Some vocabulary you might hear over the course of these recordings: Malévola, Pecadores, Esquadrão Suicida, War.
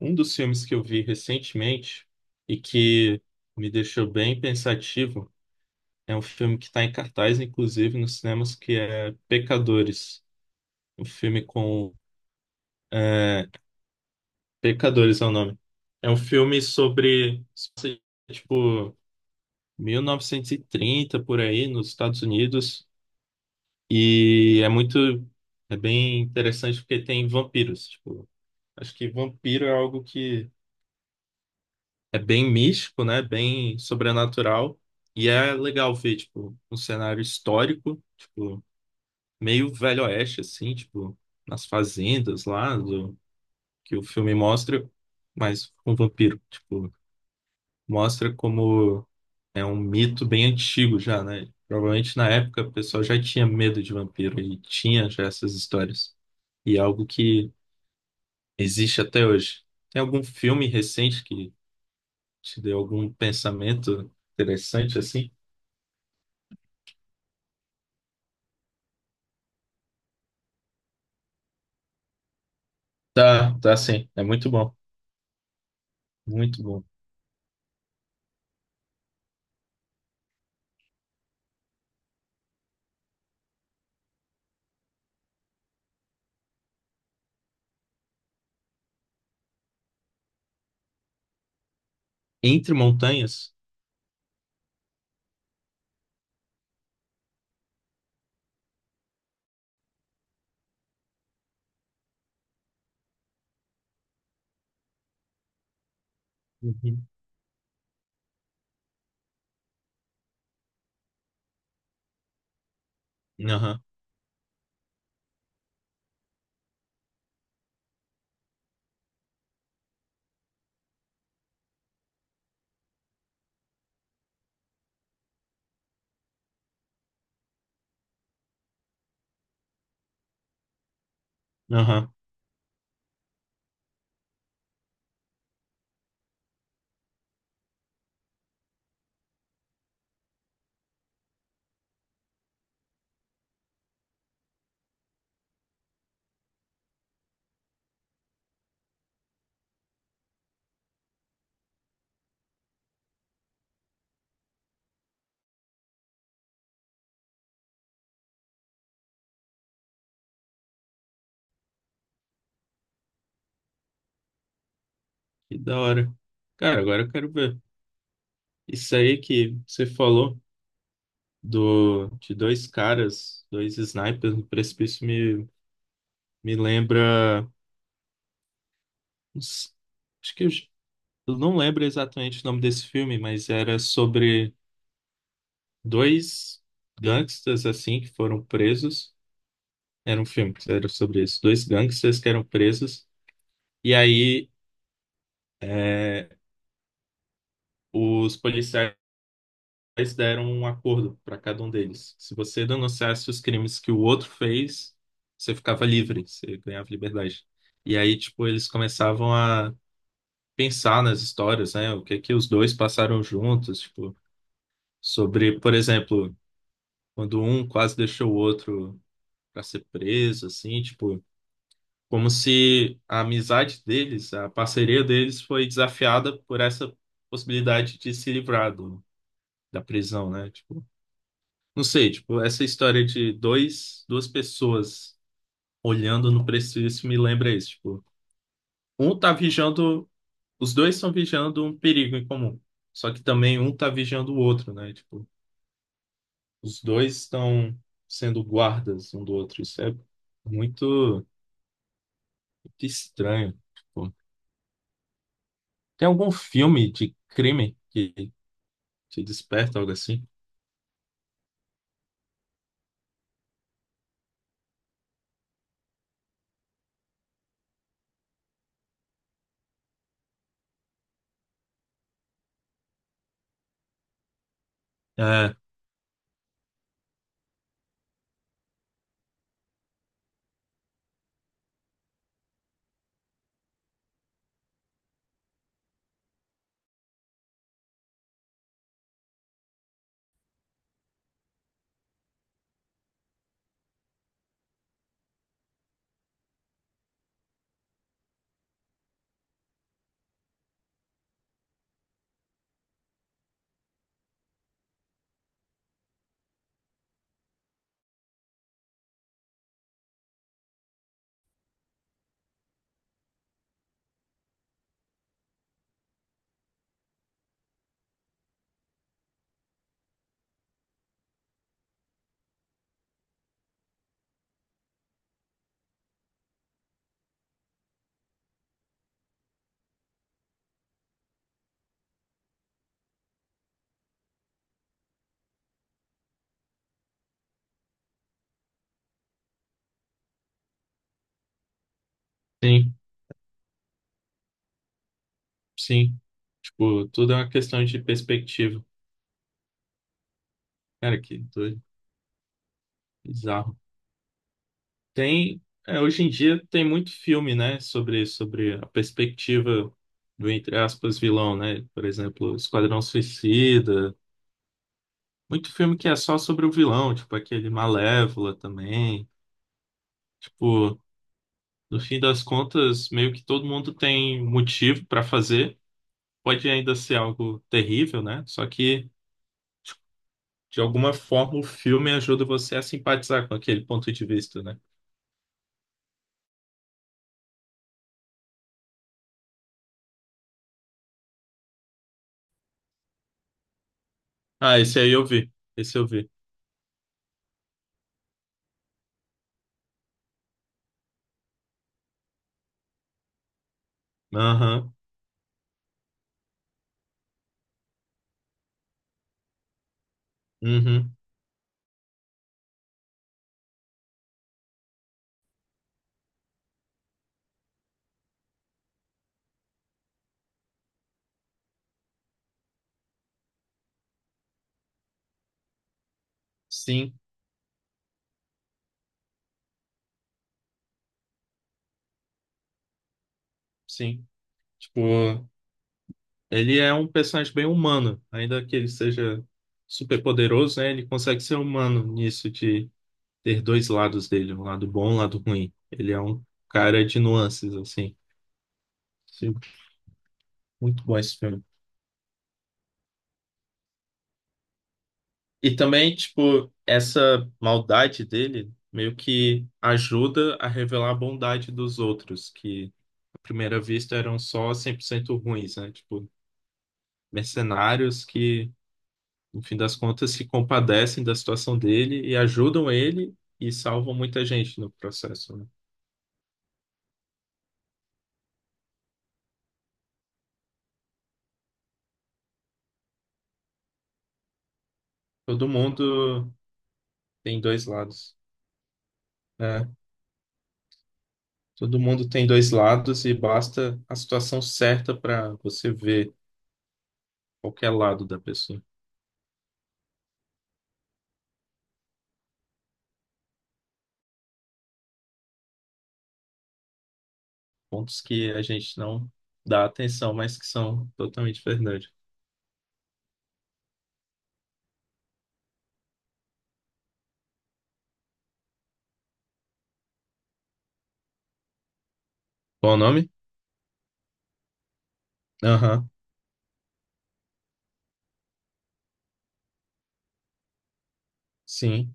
Um dos filmes que eu vi recentemente e que me deixou bem pensativo é um filme que está em cartaz, inclusive nos cinemas, que é Pecadores. Um filme com. É, Pecadores é o nome. É um filme sobre, tipo, 1930 por aí, nos Estados Unidos. E é muito. É bem interessante porque tem vampiros. Tipo, acho que vampiro é algo que. É bem místico, né? Bem sobrenatural. E é legal ver, tipo, um cenário histórico, tipo, meio Velho Oeste, assim, tipo, nas fazendas lá do, que o filme mostra, mas com vampiro, tipo, mostra como é um mito bem antigo já, né? Provavelmente na época o pessoal já tinha medo de vampiro e tinha já essas histórias. E é algo que existe até hoje. Tem algum filme recente que te deu algum pensamento interessante assim? Tá, tá sim. É muito bom. Muito bom. Entre montanhas? Uhum. Aham, aham. Que da hora. Cara, agora eu quero ver. Isso aí que você falou do, de dois caras, dois snipers no precipício me, me lembra. Não s- Acho que eu não lembro exatamente o nome desse filme, mas era sobre dois gangsters assim que foram presos. Era um filme que era sobre isso. Dois gangsters que eram presos. E aí, é, os policiais deram um acordo para cada um deles. Se você denunciasse os crimes que o outro fez, você ficava livre, você ganhava liberdade. E aí, tipo, eles começavam a pensar nas histórias, né? O que que os dois passaram juntos, tipo, sobre, por exemplo, quando um quase deixou o outro para ser preso, assim, tipo. Como se a amizade deles, a parceria deles foi desafiada por essa possibilidade de se livrar do, da prisão, né? Tipo, não sei, tipo, essa história de dois, duas pessoas olhando no precipício me lembra isso, tipo, um tá vigiando, os dois estão vigiando um perigo em comum, só que também um tá vigiando o outro, né? Tipo, os dois estão sendo guardas um do outro, isso é muito, muito estranho. Tipo, tem algum filme de crime que se desperta, algo assim. É, sim, sim. Tipo, tudo é uma questão de perspectiva. Cara, que doido, bizarro. Tem, é, hoje em dia tem muito filme, né, sobre a perspectiva do, entre aspas, vilão, né? Por exemplo, Esquadrão Suicida. Muito filme que é só sobre o vilão, tipo aquele Malévola também. Tipo, no fim das contas, meio que todo mundo tem motivo pra fazer. Pode ainda ser algo terrível, né? Só que de alguma forma, o filme ajuda você a simpatizar com aquele ponto de vista, né? Ah, esse aí eu vi. Esse eu vi. Aham. Uhum. Sim, sim. Tipo, ele é um personagem bem humano. Ainda que ele seja super poderoso, né? Ele consegue ser humano nisso de ter dois lados dele, um lado bom, um lado ruim. Ele é um cara de nuances, assim. Sim, muito bom esse filme. E também, tipo, essa maldade dele meio que ajuda a revelar a bondade dos outros, que à primeira vista eram só 100% ruins, né? Tipo, mercenários que, no fim das contas, se compadecem da situação dele e ajudam ele e salvam muita gente no processo, né? Todo mundo tem dois lados, né? Todo mundo tem dois lados e basta a situação certa para você ver qualquer lado da pessoa. Pontos que a gente não dá atenção, mas que são totalmente verdade. Qual o nome? Aham, sim.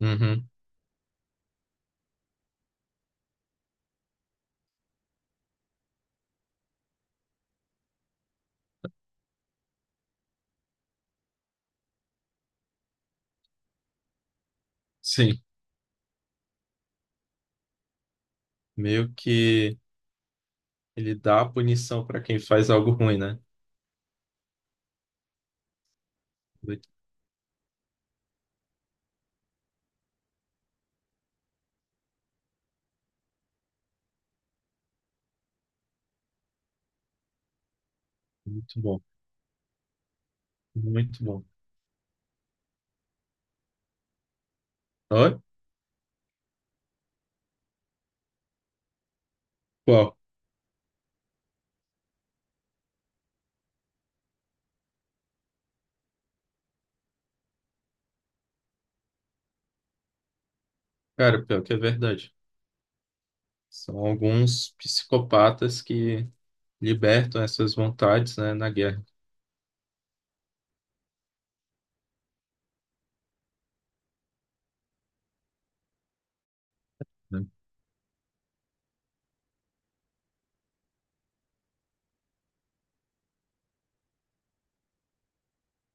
Uhum, sim. Meio que ele dá a punição para quem faz algo ruim, né? Muito, muito bom, muito bom. Oi? Qual? Cara, pior que é verdade. São alguns psicopatas que libertam essas vontades, né, na guerra. Né?